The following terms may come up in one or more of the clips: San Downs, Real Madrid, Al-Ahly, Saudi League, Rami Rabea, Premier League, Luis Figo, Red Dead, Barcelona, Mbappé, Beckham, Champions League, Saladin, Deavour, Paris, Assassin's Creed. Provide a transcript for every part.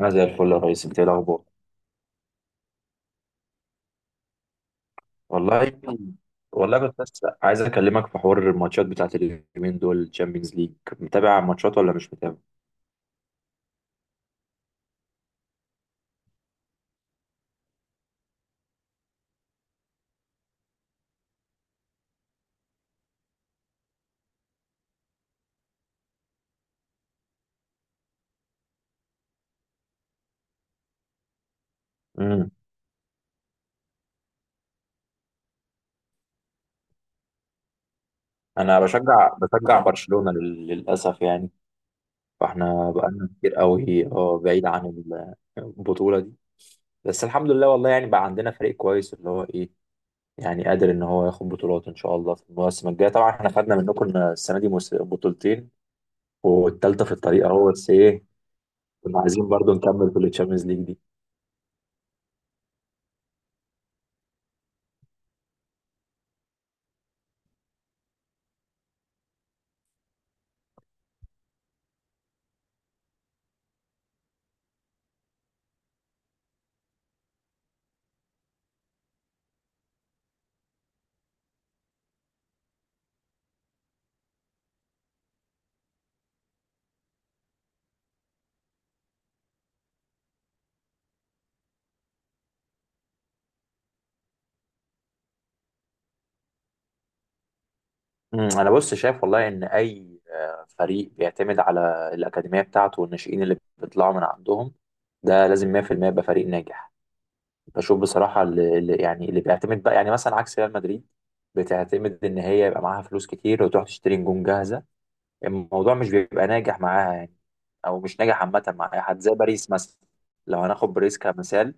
انا زي الفل يا ريس، انت ايه الاخبار؟ والله والله كنت بس عايز اكلمك في حوار الماتشات بتاعت اليومين دول، تشامبيونز ليج. متابع ماتشات ولا مش متابع؟ امم انا بشجع برشلونة للاسف يعني. فاحنا بقالنا كتير قوي اه بعيد عن البطولة دي. بس الحمد لله والله، يعني بقى عندنا فريق كويس، اللي هو ايه، يعني قادر ان هو ياخد بطولات ان شاء الله في المواسم الجاية. طبعا احنا خدنا منكم السنة دي بطولتين والتالتة في الطريق اهو، بس ايه، كنا عايزين برضو نكمل في التشامبيونز ليج دي. انا بص شايف والله ان اي فريق بيعتمد على الاكاديميه بتاعته والناشئين اللي بيطلعوا من عندهم، ده لازم 100% يبقى فريق ناجح. بشوف بصراحه يعني اللي بيعتمد بقى، يعني مثلا عكس ريال مدريد، بتعتمد ان هي يبقى معاها فلوس كتير وتروح تشتري نجوم جاهزه. الموضوع مش بيبقى ناجح معاها يعني، او مش ناجح عامه مع اي حد، زي باريس مثلا. لو هناخد باريس كمثال،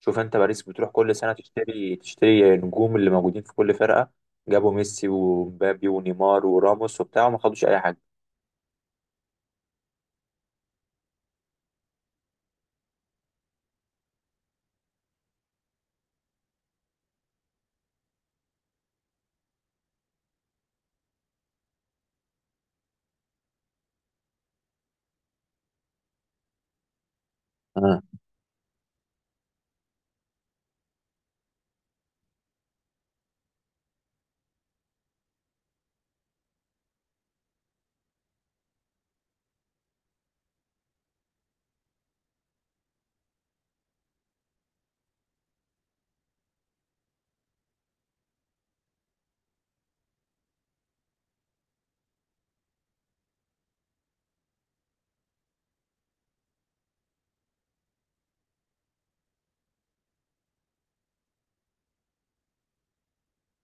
شوف انت، باريس بتروح كل سنه تشتري النجوم اللي موجودين في كل فرقه. جابوا ميسي ومبابي ونيمار وراموس وبتاع، وما خدوش اي حاجه. اه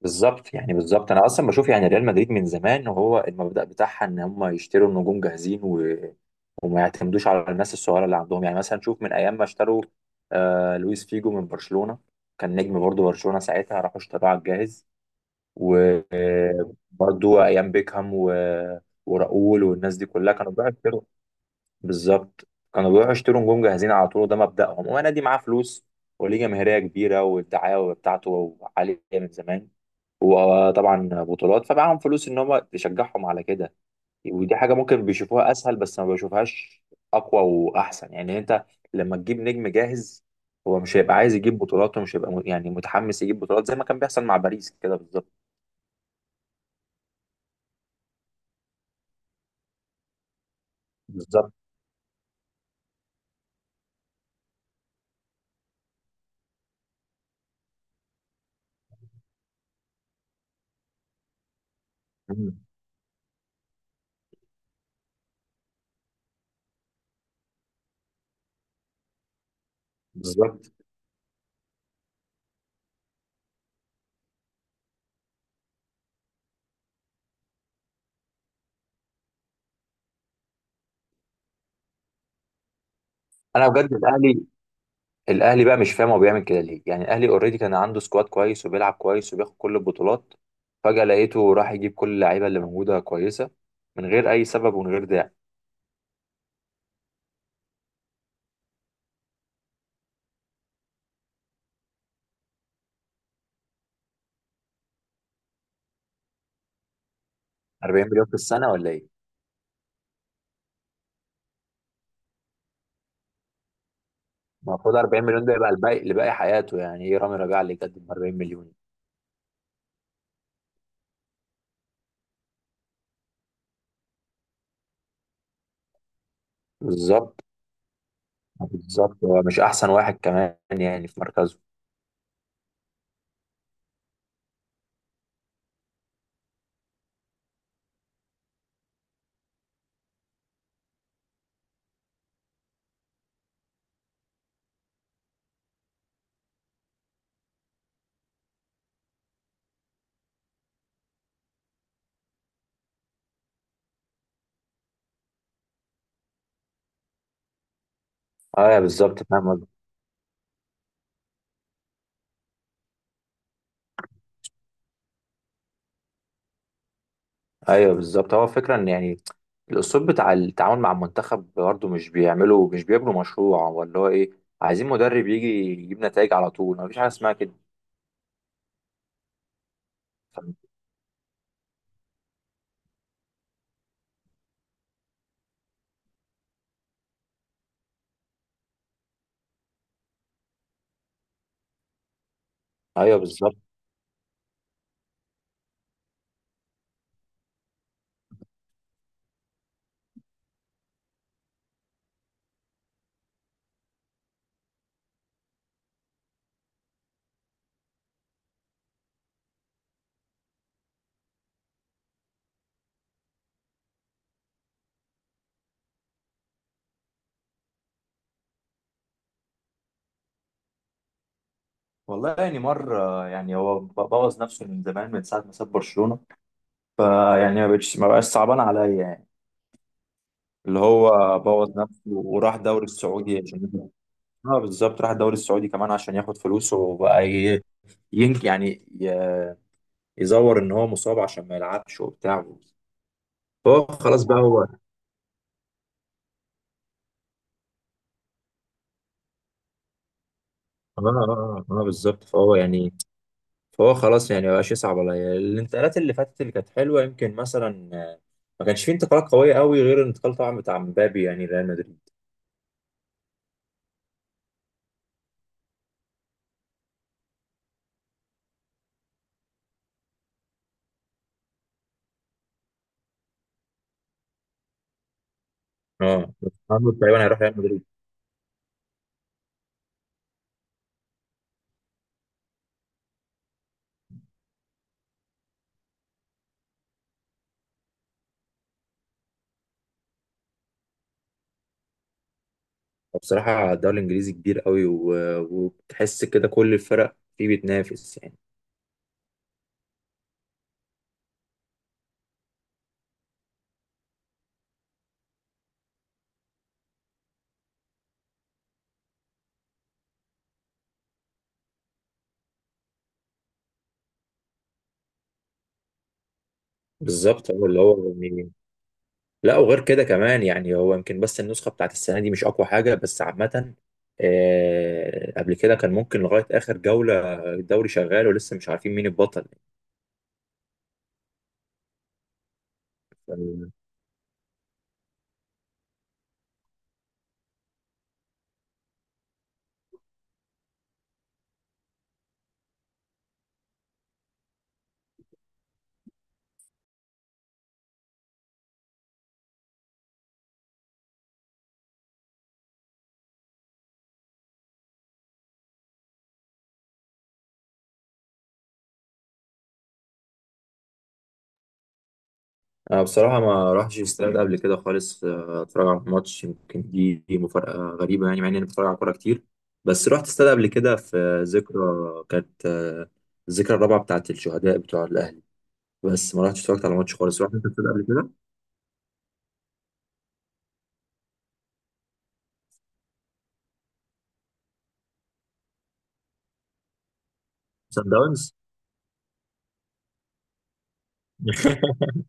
بالظبط، يعني بالظبط انا اصلا بشوف، يعني ريال مدريد من زمان وهو المبدأ بتاعها ان هم يشتروا النجوم جاهزين، و... وما يعتمدوش على الناس الصغيره اللي عندهم. يعني مثلا شوف، من ايام ما اشتروا آه لويس فيجو من برشلونه، كان نجم برضه برشلونه ساعتها، راحوا اشتروه على الجاهز. وبرضه ايام بيكهام، و... وراؤول والناس دي كلها، كانوا بقى بالظبط كانوا بيروحوا يشتروا نجوم جاهزين على طول. وده مبدأهم، ونادي معاه فلوس وليه جماهيرية كبيرة والدعاية بتاعته عالية من زمان وطبعا بطولات، فمعاهم فلوس ان هم تشجعهم على كده. ودي حاجة ممكن بيشوفوها اسهل، بس ما بيشوفهاش اقوى واحسن. يعني انت لما تجيب نجم جاهز، هو مش هيبقى عايز يجيب بطولات، ومش هيبقى يعني متحمس يجيب بطولات، زي ما كان بيحصل مع باريس كده بالظبط. بالظبط. مم. بالظبط. انا بجد الاهلي، الاهلي بقى مش فاهم هو بيعمل كده ليه. يعني الاهلي اوريدي كان عنده سكواد كويس وبيلعب كويس وبياخد كل البطولات. فجأة لقيته راح يجيب كل اللعيبه اللي موجوده كويسه، من غير اي سبب ومن غير داعي. 40 مليون في السنه ولا ايه؟ المفروض 40 مليون ده يبقى الباقي لباقي حياته، يعني ايه رامي ربيعه اللي يقدم 40 مليون؟ بالظبط. بالظبط، هو مش احسن واحد كمان يعني في مركزه. ايوه بالظبط، فاهم قصدك. ايوه بالظبط، هو الفكره ان يعني الاسلوب بتاع التعامل مع المنتخب برضه، مش بيعملوا، مش بيبنوا مشروع ولا هو ايه، عايزين مدرب يجي يجيب نتائج على طول، مفيش حاجه اسمها كده. ف- ايوه بالظبط. والله يعني مرة، يعني هو بوظ نفسه من زمان، من ساعة ما ساب برشلونة. فيعني ما بقاش صعبان عليا يعني، اللي هو بوظ نفسه وراح دوري السعودي عشان، اه بالظبط، راح الدوري السعودي كمان عشان ياخد فلوسه. وبقى ين يعني ي- يزور ان هو مصاب عشان ما يلعبش وبتاع. هو خلاص بقى هو، اه بالظبط. فهو يعني، فهو خلاص، يعني مبقاش يصعب عليا الانتقالات اللي فاتت اللي كانت حلوه. يمكن مثلا ما كانش فيه انتقالات قويه قوي غير الانتقال طبعا بتاع مبابي، يعني ريال مدريد. اه، محمد تقريبا هيروح ريال مدريد. بصراحه الدوري الانجليزي كبير قوي، و- وتحس كده كل الفرق فيه بتنافس يعني. بالظبط. هو اللي هو يعني، لا وغير كده كمان، يعني هو يمكن بس النسخة بتاعت السنة دي مش أقوى حاجة، بس عامة قبل كده كان ممكن لغاية آخر جولة الدوري شغال ولسه مش عارفين مين البطل. أنا بصراحة ما راحش استاد قبل كده خالص أتفرج على ماتش، يمكن دي مفارقة غريبة يعني مع إني أنا بتفرج على كورة كتير. بس رحت استاد قبل كده في ذكرى، كانت الذكرى الرابعة بتاعت الشهداء بتوع الأهلي. بس ما رحتش اتفرجت على ماتش خالص. رحت أنت استاد قبل كده؟ سان داونز.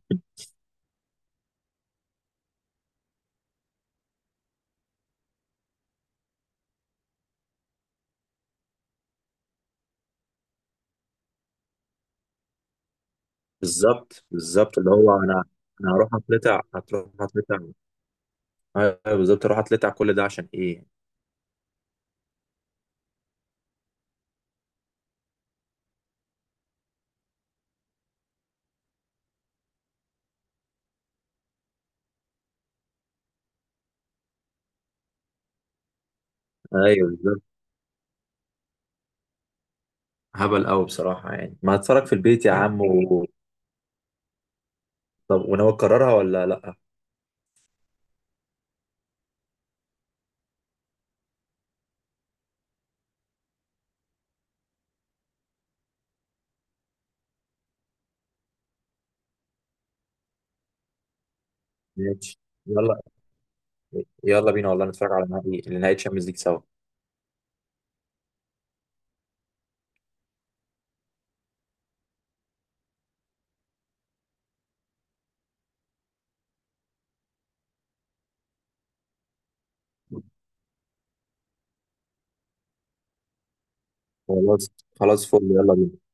بالظبط، بالظبط، اللي هو انا، انا هروح اتلتع، هتروح هتلتع؟ ايوه بالظبط، اروح اتلتع كل ده عشان ايه؟ ايوه بالظبط، هبل قوي بصراحه يعني، ما هتفرج في البيت يا عم. و... طب وناوي تكررها ولا لا؟ ماشي. يلا، يلا بينا والله نتفرج على نهائي، نهائي تشامبيونز ليج سوا. خلاص، خلاص فل، يلا بينا.